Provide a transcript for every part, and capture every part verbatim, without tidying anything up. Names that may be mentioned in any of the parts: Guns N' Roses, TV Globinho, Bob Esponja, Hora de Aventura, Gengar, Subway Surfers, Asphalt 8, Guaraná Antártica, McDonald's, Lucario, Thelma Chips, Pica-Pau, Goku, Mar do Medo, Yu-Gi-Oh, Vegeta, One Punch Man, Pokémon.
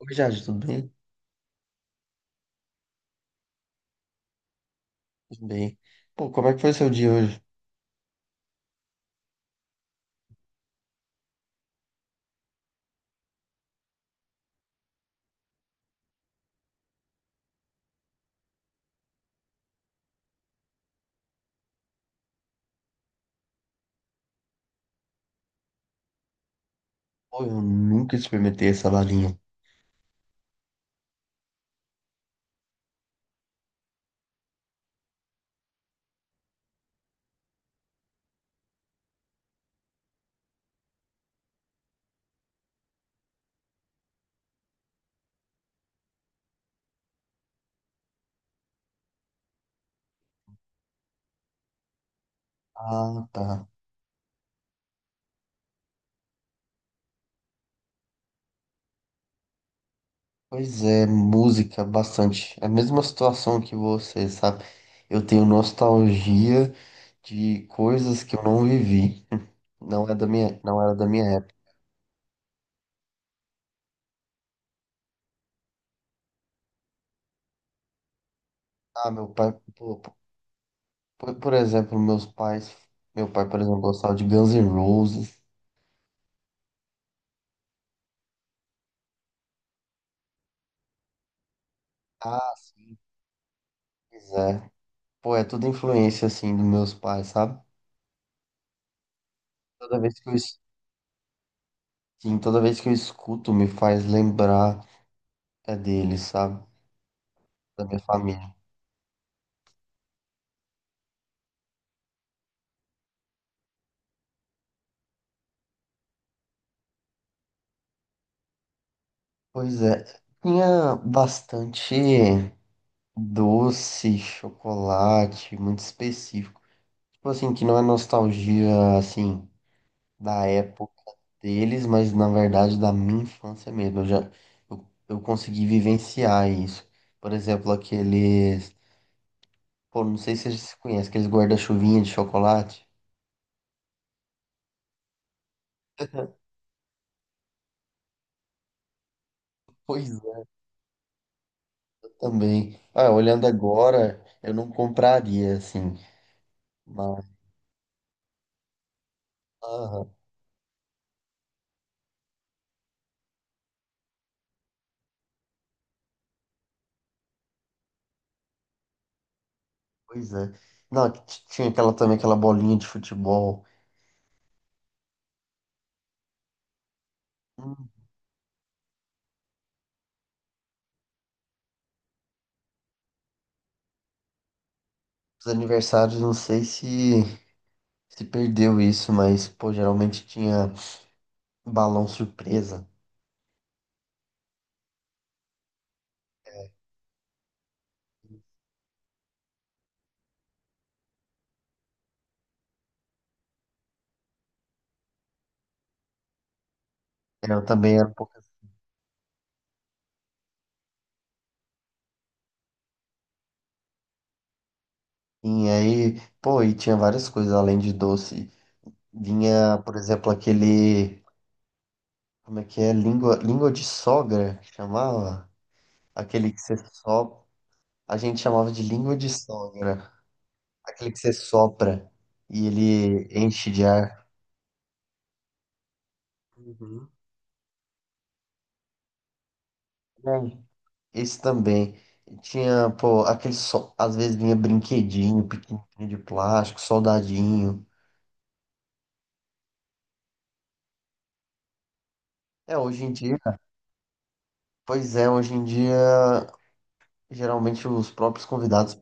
Oi, Jade, tudo bem? Tudo bem. Pô, como é que foi seu dia hoje? Pô, eu nunca experimentei essa balinha. Ah, tá. Pois é, música, bastante. É a mesma situação que você, sabe? Eu tenho nostalgia de coisas que eu não vivi. Não é da minha, não era da minha época. Ah, meu pai, pô, pô, por, por exemplo, meus pais, meu pai, por exemplo, gostava de Guns N' Roses. Ah, sim, pois é. Pô, é tudo influência, assim, dos meus pais, sabe? Toda vez que eu Sim, toda vez que eu escuto me faz lembrar é dele, sabe? Da minha família. Pois é, tinha bastante doce, chocolate, muito específico. Tipo assim, que não é nostalgia, assim, da época deles, mas na verdade da minha infância mesmo. Eu já eu, eu consegui vivenciar isso. Por exemplo, aqueles. Pô, não sei se você conhece, aqueles guarda-chuvinha de chocolate. Pois também. Ah, olhando agora, eu não compraria, assim. Mas, ah, pois é. Não, t- tinha aquela também, aquela bolinha de futebol. Hum. Os aniversários, não sei se se perdeu isso, mas, pô, geralmente tinha balão surpresa. É, eu também era um pouco assim. Aí, pô, e tinha várias coisas além de doce. Vinha, por exemplo, aquele. Como é que é? Língua, língua de sogra, que chamava? Aquele que você sopra. A gente chamava de língua de sogra, aquele que você sopra e ele enche de ar. Uhum. Bom, esse também. E tinha, pô, aquele só. Às vezes vinha brinquedinho, pequenininho de plástico, soldadinho. É, hoje em dia. Pois é, hoje em dia, geralmente os próprios convidados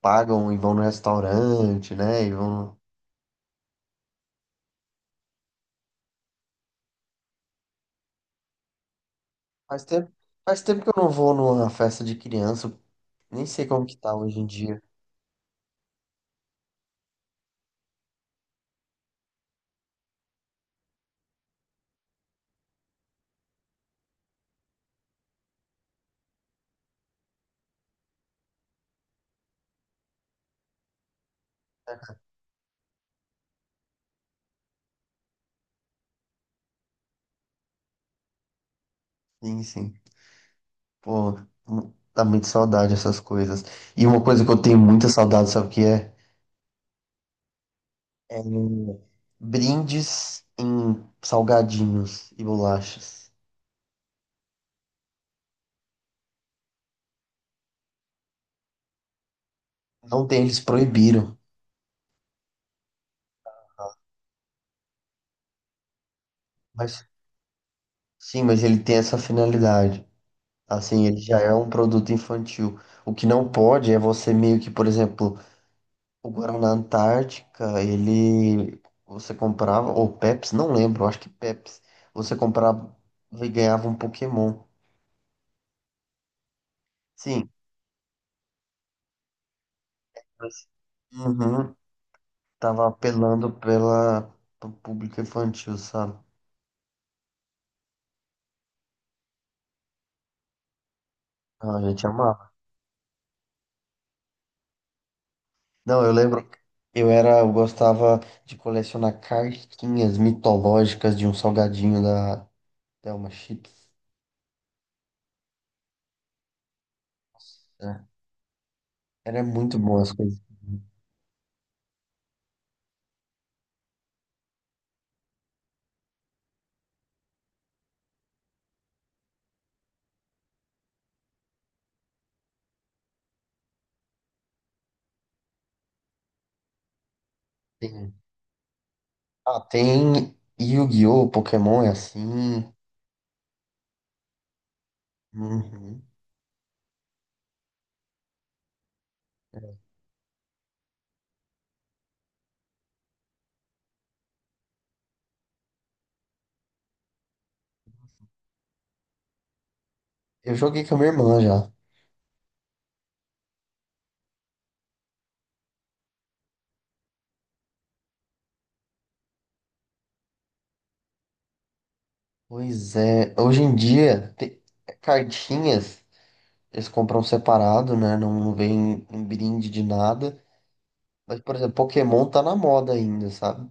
pagam e vão no restaurante, né? E vão. Faz tempo, faz tempo que eu não vou numa festa de criança. Nem sei como que tá hoje em dia. Sim, sim. Pô, hum, dá muita saudade essas coisas. E uma coisa que eu tenho muita saudade, sabe o que é? É brindes em salgadinhos e bolachas. Não tem, eles proibiram. Mas sim, mas ele tem essa finalidade. Assim, ele já é um produto infantil. O que não pode é você meio que, por exemplo, o Guaraná Antártica, ele você comprava, ou Pepsi, não lembro, acho que Pepsi. Você comprava e ganhava um Pokémon. Sim, uhum. Tava apelando pela pro público infantil, sabe? Não, a gente amava. Não, eu lembro, que eu era, eu gostava de colecionar cartinhas mitológicas de um salgadinho da Thelma Chips. Nossa, era muito bom as coisas. Tem- Ah, tem Yu-Gi-Oh! Pokémon é assim. Uhum. Eu joguei com a minha irmã já. Pois é, hoje em dia, tem cartinhas. Eles compram separado, né? Não, não vem em brinde de nada. Mas, por exemplo, Pokémon tá na moda ainda, sabe?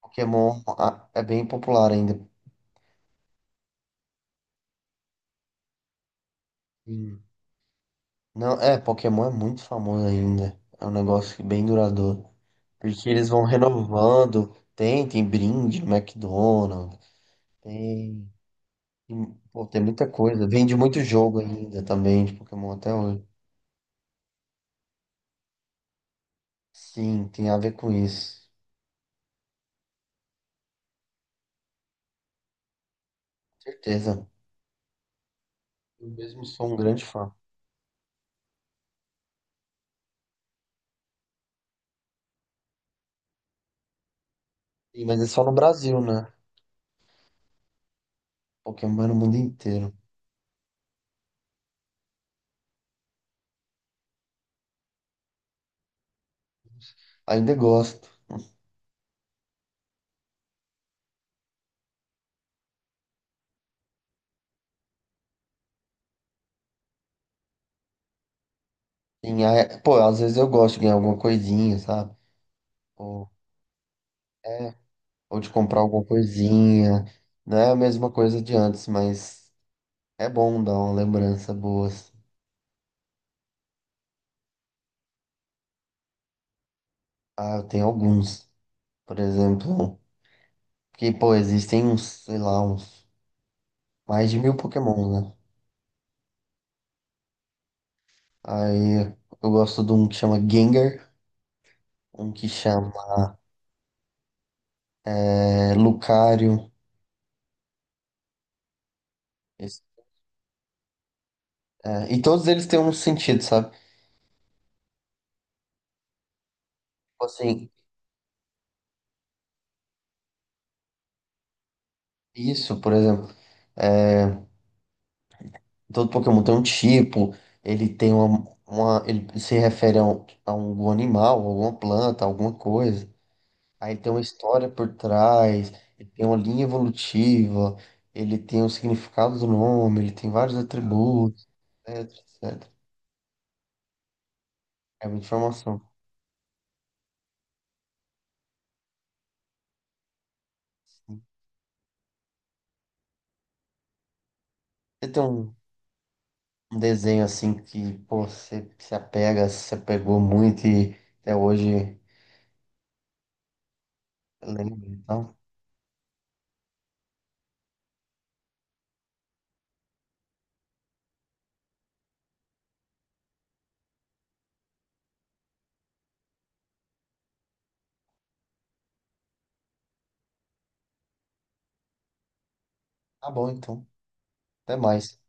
Pokémon, ah, é bem popular ainda. Sim. Não, é, Pokémon é muito famoso ainda. É um negócio que bem duradouro. Porque eles vão renovando. Tem, tem brinde no McDonald's. Tem, tem, pô, tem muita coisa. Vende muito jogo ainda também de Pokémon até hoje. Sim, tem a ver com isso. Certeza. Eu mesmo sou um grande fã. Sim, mas é só no Brasil, né? Pokémon no mundo inteiro. Ainda gosto. Sim, é- pô, às vezes eu gosto de ganhar alguma coisinha, sabe? Ou, é, ou de comprar alguma coisinha. Não é a mesma coisa de antes, mas é bom dar uma lembrança boa, assim. Ah, eu tenho alguns. Por exemplo, que, pô, existem uns, sei lá, uns mais de mil Pokémon, né? Aí eu gosto de um que chama Gengar, um que chama é, Lucario. Esse- é, e todos eles têm um sentido, sabe? Tipo assim, isso, por exemplo. é, Todo Pokémon tem um tipo, ele tem uma, uma- ele se refere a, um, a algum animal, alguma planta, alguma coisa. Aí tem uma história por trás, ele tem uma linha evolutiva, ele tem o significado do nome, ele tem vários atributos, etcétera etcétera. É muita informação. Você tem um, um desenho assim que, pô, você se apega, se apegou muito e até hoje lembra, então. Tá bom, então. Até mais.